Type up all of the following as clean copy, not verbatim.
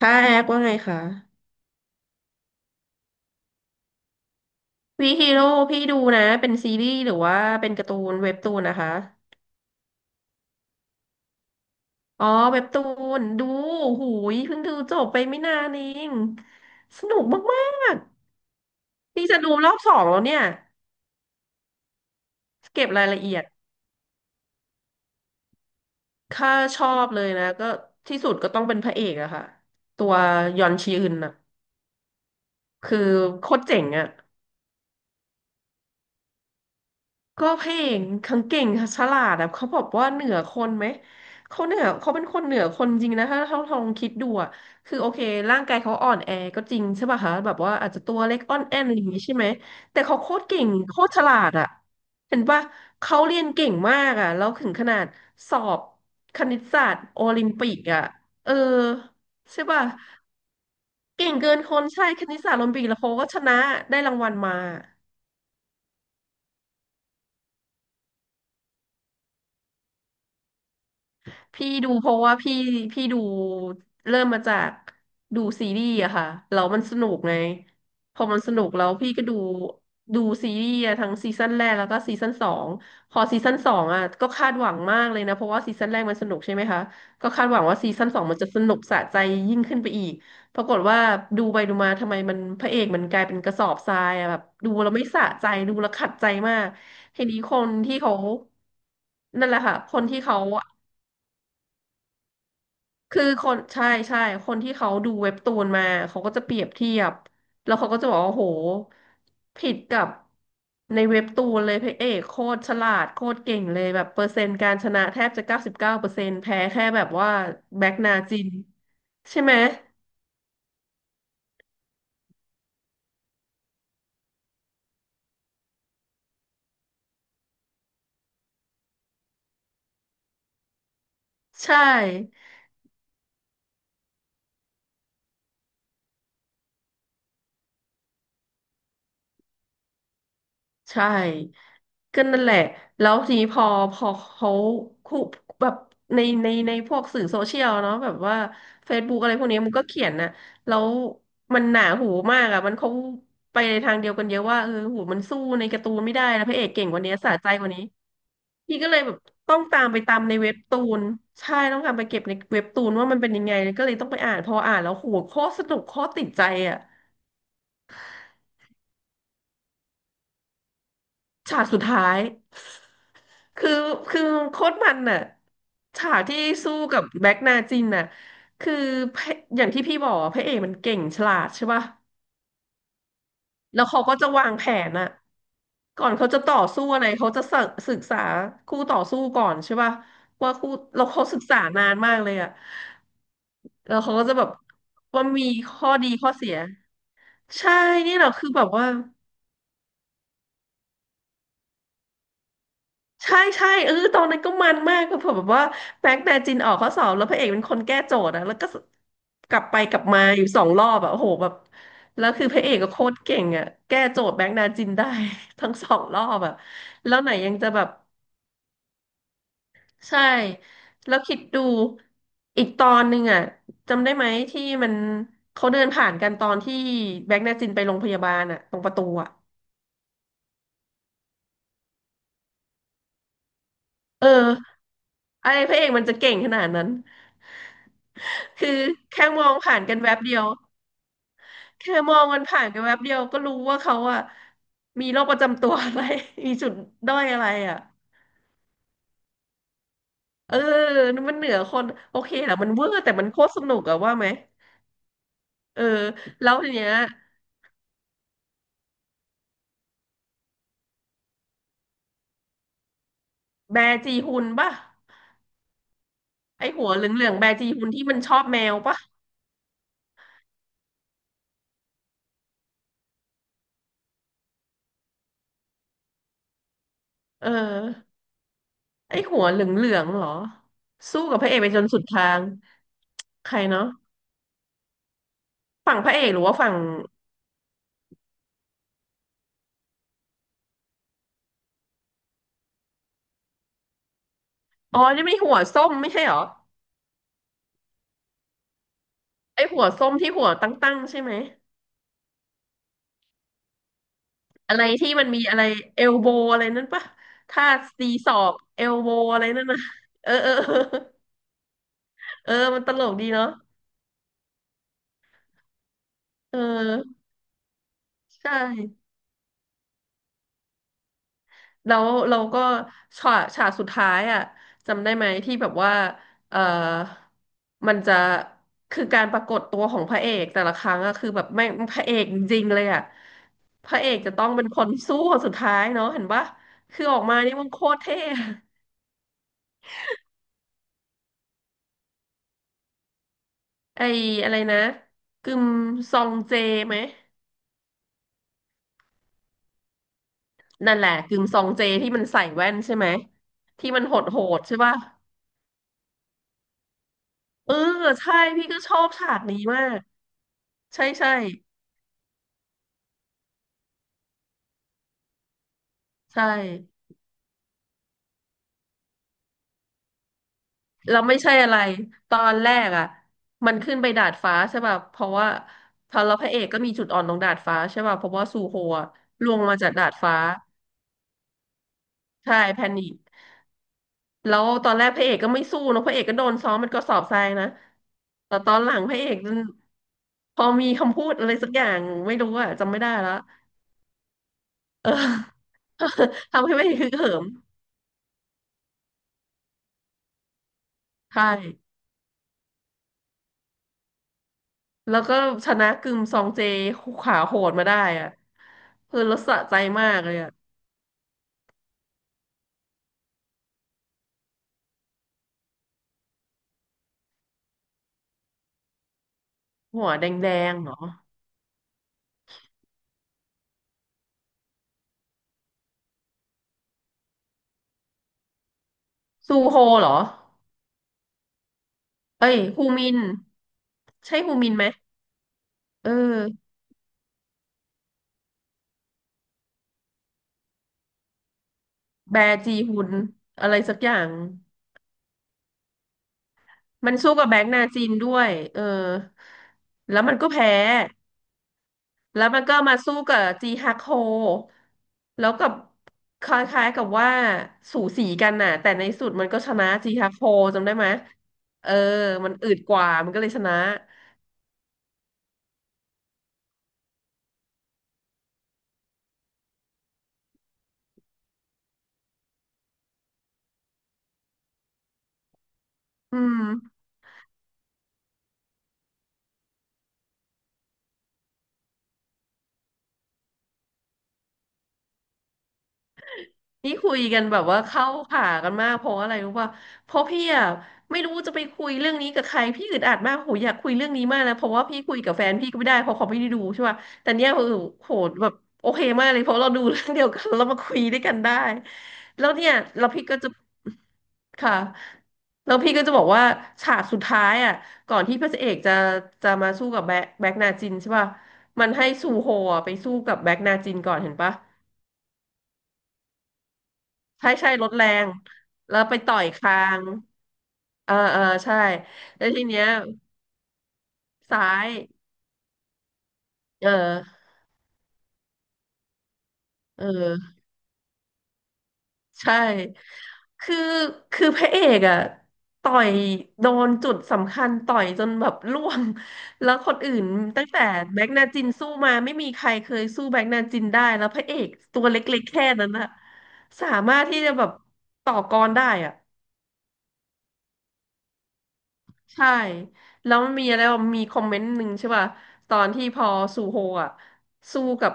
ค่ะแอคว่าไงคะวีฮีโร่พี่ดูนะเป็นซีรีส์หรือว่าเป็นการ์ตูนเว็บตูนนะคะอ๋อเว็บตูนดูหูยเพิ่งดูจบไปไม่นานเองสนุกมากๆนี่จะดูรอบสองแล้วเนี่ยเก็บรายละเอียดค่าชอบเลยนะก็ที่สุดก็ต้องเป็นพระเอกอะค่ะตัวยอนชีอึนอะคือโคตรเจ๋งอะ ก็เพลงเอกขงเก่งฉลาดอะเขาบอกว่าเหนือคนไหมเขาเหนือเขาเป็นคนเหนือคนจริงนะถ้าลองคิดดูอะคือโอเคร่างกายเขาอ่อนแอก็จริงใช่ป่ะคะแบบว่าอาจจะตัวเล็กอ่อนแอนอะไรอย่างงี้ใช่ไหมแต่เขาโคตรเก่งโคตรฉลาดอะเห็นป่ะเขาเรียนเก่งมากอะแล้วถึงขนาดสอบคณิตศาสตร์โอลิมปิกอะเออใช่ป่ะเก่งเกินคนใช่คณิตศาสตร์โอลิมปิกแล้วเขาก็ชนะได้รางวัลมา พี่ดูเพราะว่าพี่ดูเริ่มมาจากดูซีรีส์อะค่ะแล้วมันสนุกไงพอมันสนุกแล้วพี่ก็ดูดูซีรีส์อะทั้งซีซั่นแรกแล้วก็ซีซั่นสองพอซีซั่นสองอะก็คาดหวังมากเลยนะเพราะว่าซีซั่นแรกมันสนุกใช่ไหมคะก็คาดหวังว่าซีซั่นสองมันจะสนุกสะใจยิ่งขึ้นไปอีกปรากฏว่าดูไปดูมาทำไมมันพระเอกมันกลายเป็นกระสอบทรายอะแบบดูแล้วไม่สะใจดูแล้วขัดใจมากทีนี้คนที่เขานั่นแหละค่ะคนที่เขา คือคนใช่ใช่คนที่เขาดูเว็บตูนมาเขาก็จะเปรียบเทียบแล้วเขาก็จะบอกว่าโหผิดกับในเว็บตูนเลยพระเอกโคตรฉลาดโคตรเก่งเลยแบบเปอร์เซ็นต์การชนะแทบจะ99%แพ้แค่แบบว่าแบ็กนาจินใช่ไหมใช่ ใช่ก็นั่นแหละแล้วทีนี้พอเขาคุแบบในพวกสื่อโซเชียลเนาะแบบว่า Facebook อะไรพวกนี้มันก็เขียนนะแล้วมันหนาหูมากอ่ะมันเขาไปในทางเดียวกันเยอะว่าเออโหูมันสู้ในการ์ตูนไม่ได้นะพระเอกเก่งกว่านี้สะใจกว่านี้พี่ก็เลยแบบต้องตามไปตามในเว็บตูนใช่ต้องตามไปเก็บในเว็บตูนว่ามันเป็นยังไงก็เลยต้องไปอ่านพออ่านแล้วโหโคตรสนุกโคตรติดใจอ่ะฉากสุดท้าย คือคือโค้ดมันน่ะฉากที่สู้กับแบ็กนาจินน่ะคือพระอย่างที่พี่บอกอะพระเอกมันเก่งฉลาดใช่ป่ะแล้วเขาก็จะวางแผนน่ะก่อนเขาจะต่อสู้อะไรเขาจะศึกษาคู่ต่อสู้ก่อนใช่ป่ะว่าคู่เราเขาศึกษานานมากเลยอ่ะแล้วเขาก็จะแบบว่ามีข้อดีข้อเสียใช่นี่แหละคือแบบว่า ใช่ใช่เออตอนนั้นก็มันมากก็เผื่อแบบว่าแบงค์แมจินออกข้อสอบแล้วพระเอกเป็นคนแก้โจทย์อะแล้วก็กลับไปกลับมาอยู่สองรอบอะโอ้โหแบบแล้วคือพระเอกก็โคตรเก่งอะแก้โจทย์แบงค์นาจินได้ ทั้งสองรอบอะแล้วไหนยังจะแบบใช่แล้วคิดดูอีกตอนหนึ่งอะจำได้ไหมที่มันเขาเดินผ่านกันตอนที่แบงค์นาจินไปโรงพยาบาลอะตรงประตูอะเอออะไรพระเอกมันจะเก่งขนาดนั้นคือแค่มองผ่านกันแวบเดียว แค่มองมันผ่านกันแวบเดียวก็รู้ว่าเขาอะมีโรคประจำตัวอะไร มีจุดด้อยอะไรอะเออมันเหนือคนโอเคแหละมันเวอร์แต่มันโคตรสนุกอะว่าไหมเออแล้วทีเนี้ยแบร์จีฮุนป่ะไอหัวเหลืองๆแบร์จีฮุนที่มันชอบแมวป่ะเออไอหัวเหลืองๆเหรอสู้กับพระเอกไปจนสุดทางใครเนาะฝั่งพระเอกหรือว่าฝั่งอ๋อนี่ไม่หัวส้มไม่ใช่เหรอไอหัวส้มที่หัวตั้งๆใช่ไหม อะไรที่มันมีอะไรเอลโบอะไรนั่นปะท่าตีศอกเอลโบอะไรนั่นนะเออเออเออเออมันตลกดีเนาะเออใช่แล้วเราก็ฉากสุดท้ายอ่ะจำได้ไหมที่แบบว่าเออมันจะคือการปรากฏตัวของพระเอกแต่ละครั้งอะคือแบบแม่งพระเอกจริงๆเลยอะพระเอกจะต้องเป็นคนสู้คนสุดท้ายเนาะเห็นปะคือออกมานี่มันโคตรเท่อะ ไออะไรนะกึมซองเจไหมนั่นแหละกึมซองเจที่มันใส่แว่นใช่ไหมที่มันโหดใช่ป่ะเออใช่พี่ก็ชอบฉากนี้มากใช่ใช่ใช่แล้วไม่ใช่อะไรตอนแรกอ่ะมันขึ้นไปดาดฟ้าใช่ป่ะเพราะว่าพอเราพระเอกก็มีจุดอ่อนตรงดาดฟ้าใช่ป่ะเพราะว่าซูโฮอะลวงมาจากดาดฟ้าใช่แพนิค แล้วตอนแรกพระเอกก็ไม่สู้นะพระเอกก็โดนซ้อมเป็นกระสอบทรายนะแต่ตอนหลังพระเอกนั้นพอมีคำพูดอะไรสักอย่างไม่รู้อะจำไม่ได้แล้วเออ ทำให้พระเอกฮึกเหิมใช่แล้วก็ชนะกึมซองเจขาโหดมาได้อะคือรสะใจมากเลยอะหัวแดงๆเหรอซูโฮเหรอเอ้ยฮูมินใช่ฮูมินไหมเออแบจีฮุนอะไรสักอย่าง มันสู้กับแบงก์นาจินด้วยเออแล้วมันก็แพ้ แล้วมันก็มาสู้กับจีฮักโฮแล้วกับคล้ายๆกับว่าสูสีกันน่ะแต่ในสุดมันก็ชนะจีฮักโฮจำได้ไหมเออมันอืดกว่ามันก็เลยชนะอืม นี่คุยกันแบบว่าเข้าขากันมากเพราะอะไรรู้ป่ะเพราะพี่อ่ะไม่รู้จะไปคุยเรื่องนี้กับใครพี่อึดอัดมากโหอยากคุยเรื่องนี้มากนะเพราะว่าพี่คุยกับแฟนพี่ก็ไม่ได้เพราะเขาไม่ได้ดูใช่ป่ะแต่เนี้ยเออโหแบบโอเคมากเลยเพราะเราดูเรื่องเดียวกันแล้วมาคุยด้วยกันได้แล้วเนี่ยเราพี่ก็จะค่ะแล้วพี่ก็จะบอกว่าฉากสุดท้ายอ่ะก่อนที่พระเอกจะจะมาสู้กับแบ็คนาจินใช่ป่ะมันให้ซูโฮอะไปสู้กับแบ็คนาจินก่อนเห็นปะ ใช่ใช่รถแรงแล้วไปต่อยคางเออเออใช่แล้วทีเนี้ยซ้ายเออเออใช่คือคือพระเอกอะต่อยโดนจุดสำคัญต่อยจนแบบร่วงแล้วคนอื่นตั้งแต่แบกนาจินสู้มาไม่มีใครเคยสู้แบกนาจินได้แล้วพระเอกตัวเล็กๆแค่นั้นอะสามารถที่จะแบบต่อกรได้อะ ใช่แล้วมันมีอะไรวะมีคอมเมนต์หนึ่งใช่ป่ะตอนที่พอซูโฮอ่ะสู้กับ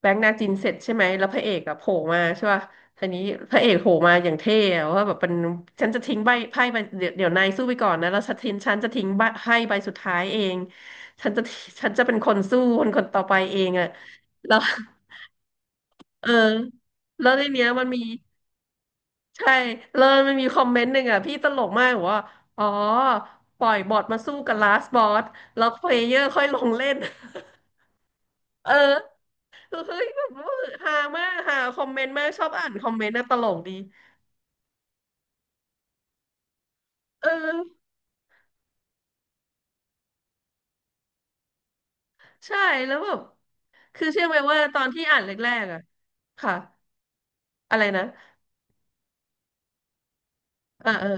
แบงค์นาจินเสร็จใช่ไหมแล้วพระเอกอ่ะโผล่มาใช่ป่ะทีนี้พระเอกโผล่มาอย่างเท่อะว่าแบบเป็นฉันจะทิ้งใบไพ่ใบเดี๋ยวนายสู้ไปก่อนนะแล้วฉันจะทิ้งใบไพ่ใบสุดท้ายเองฉันจะฉันจะเป็นคนสู้คนต่อไปเองอ่ะแล้ว เออแล้วในเนี้ยมันมี ใช่เลิวมันมีคอมเมนต์หนึ่งอ่ะพี่ตลกมากบอกว่า อ๋อปล่อยบอทมาสู้กับลาสบอสแล้วเพลเยอร์ค่อยลงเล่น เออคือเฮ้ยแบบว่าฮามากฮาคอมเมนต์มากชอบอ่านคอมเมนต์นะตลกดีเออใช่แล้วแบบคือเชื่อไหมว่าตอนที่อ่านแรกๆอ่ะค่ะอะไรนะเออเออ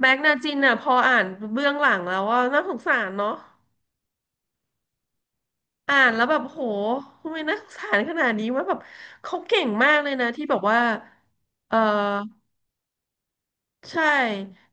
แม็กนาจินอ่ะพออ่านเบื้องหลังแล้วว่าน่าสงสารเนาะอ่านแล้วแบบโหทำไมน่าสงสารขนาดนี้ว่าแบบเขาเก่งมากเลยนะที่แบบว่าเออ ใช่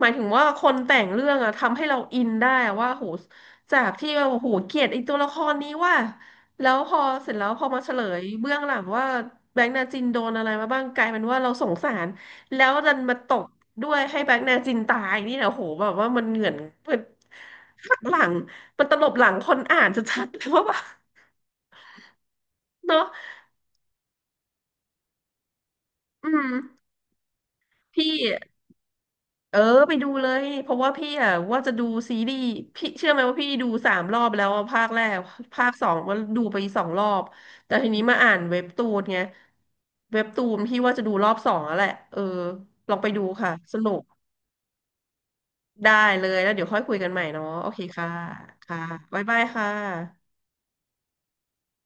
หมายถึงว่าคนแต่งเรื่องอะทำให้เราอินได้อะว่าโหจากที่เราโหเกลียดไอ้ตัวละครนี้ว่าแล้วพอเสร็จแล้วพอมาเฉลยเบื้องหลังว่าแบงค์นาจินโดนอะไรมาบ้างกลายเป็นว่าเราสงสารแล้วดันมาตกด้วยให้แบงค์นาจินตายนี่นะโหแบบว่ามันเหงื่อนมันหักหลังมันตลบหลังคนอ่านชัดๆ เลยว่าแบบเนาะอืมพี่ เออไปดูเลยเพราะว่าพี่อ่ะว่าจะดูซีรีส์พี่เชื่อไหมว่าพี่ดู3 รอบแล้วอะภาคแรกภาคสองก็ดูไป2 รอบแต่ทีนี้มาอ่านเว็บตูนไงเว็บตูนพี่ว่าจะดูรอบ 2แล้วแหละเออลองไปดูค่ะสนุกได้เลยแล้วเดี๋ยวค่อยคุยกันใหม่เนาะโอเคค่ะค่ะบ๊ายบายค่ะ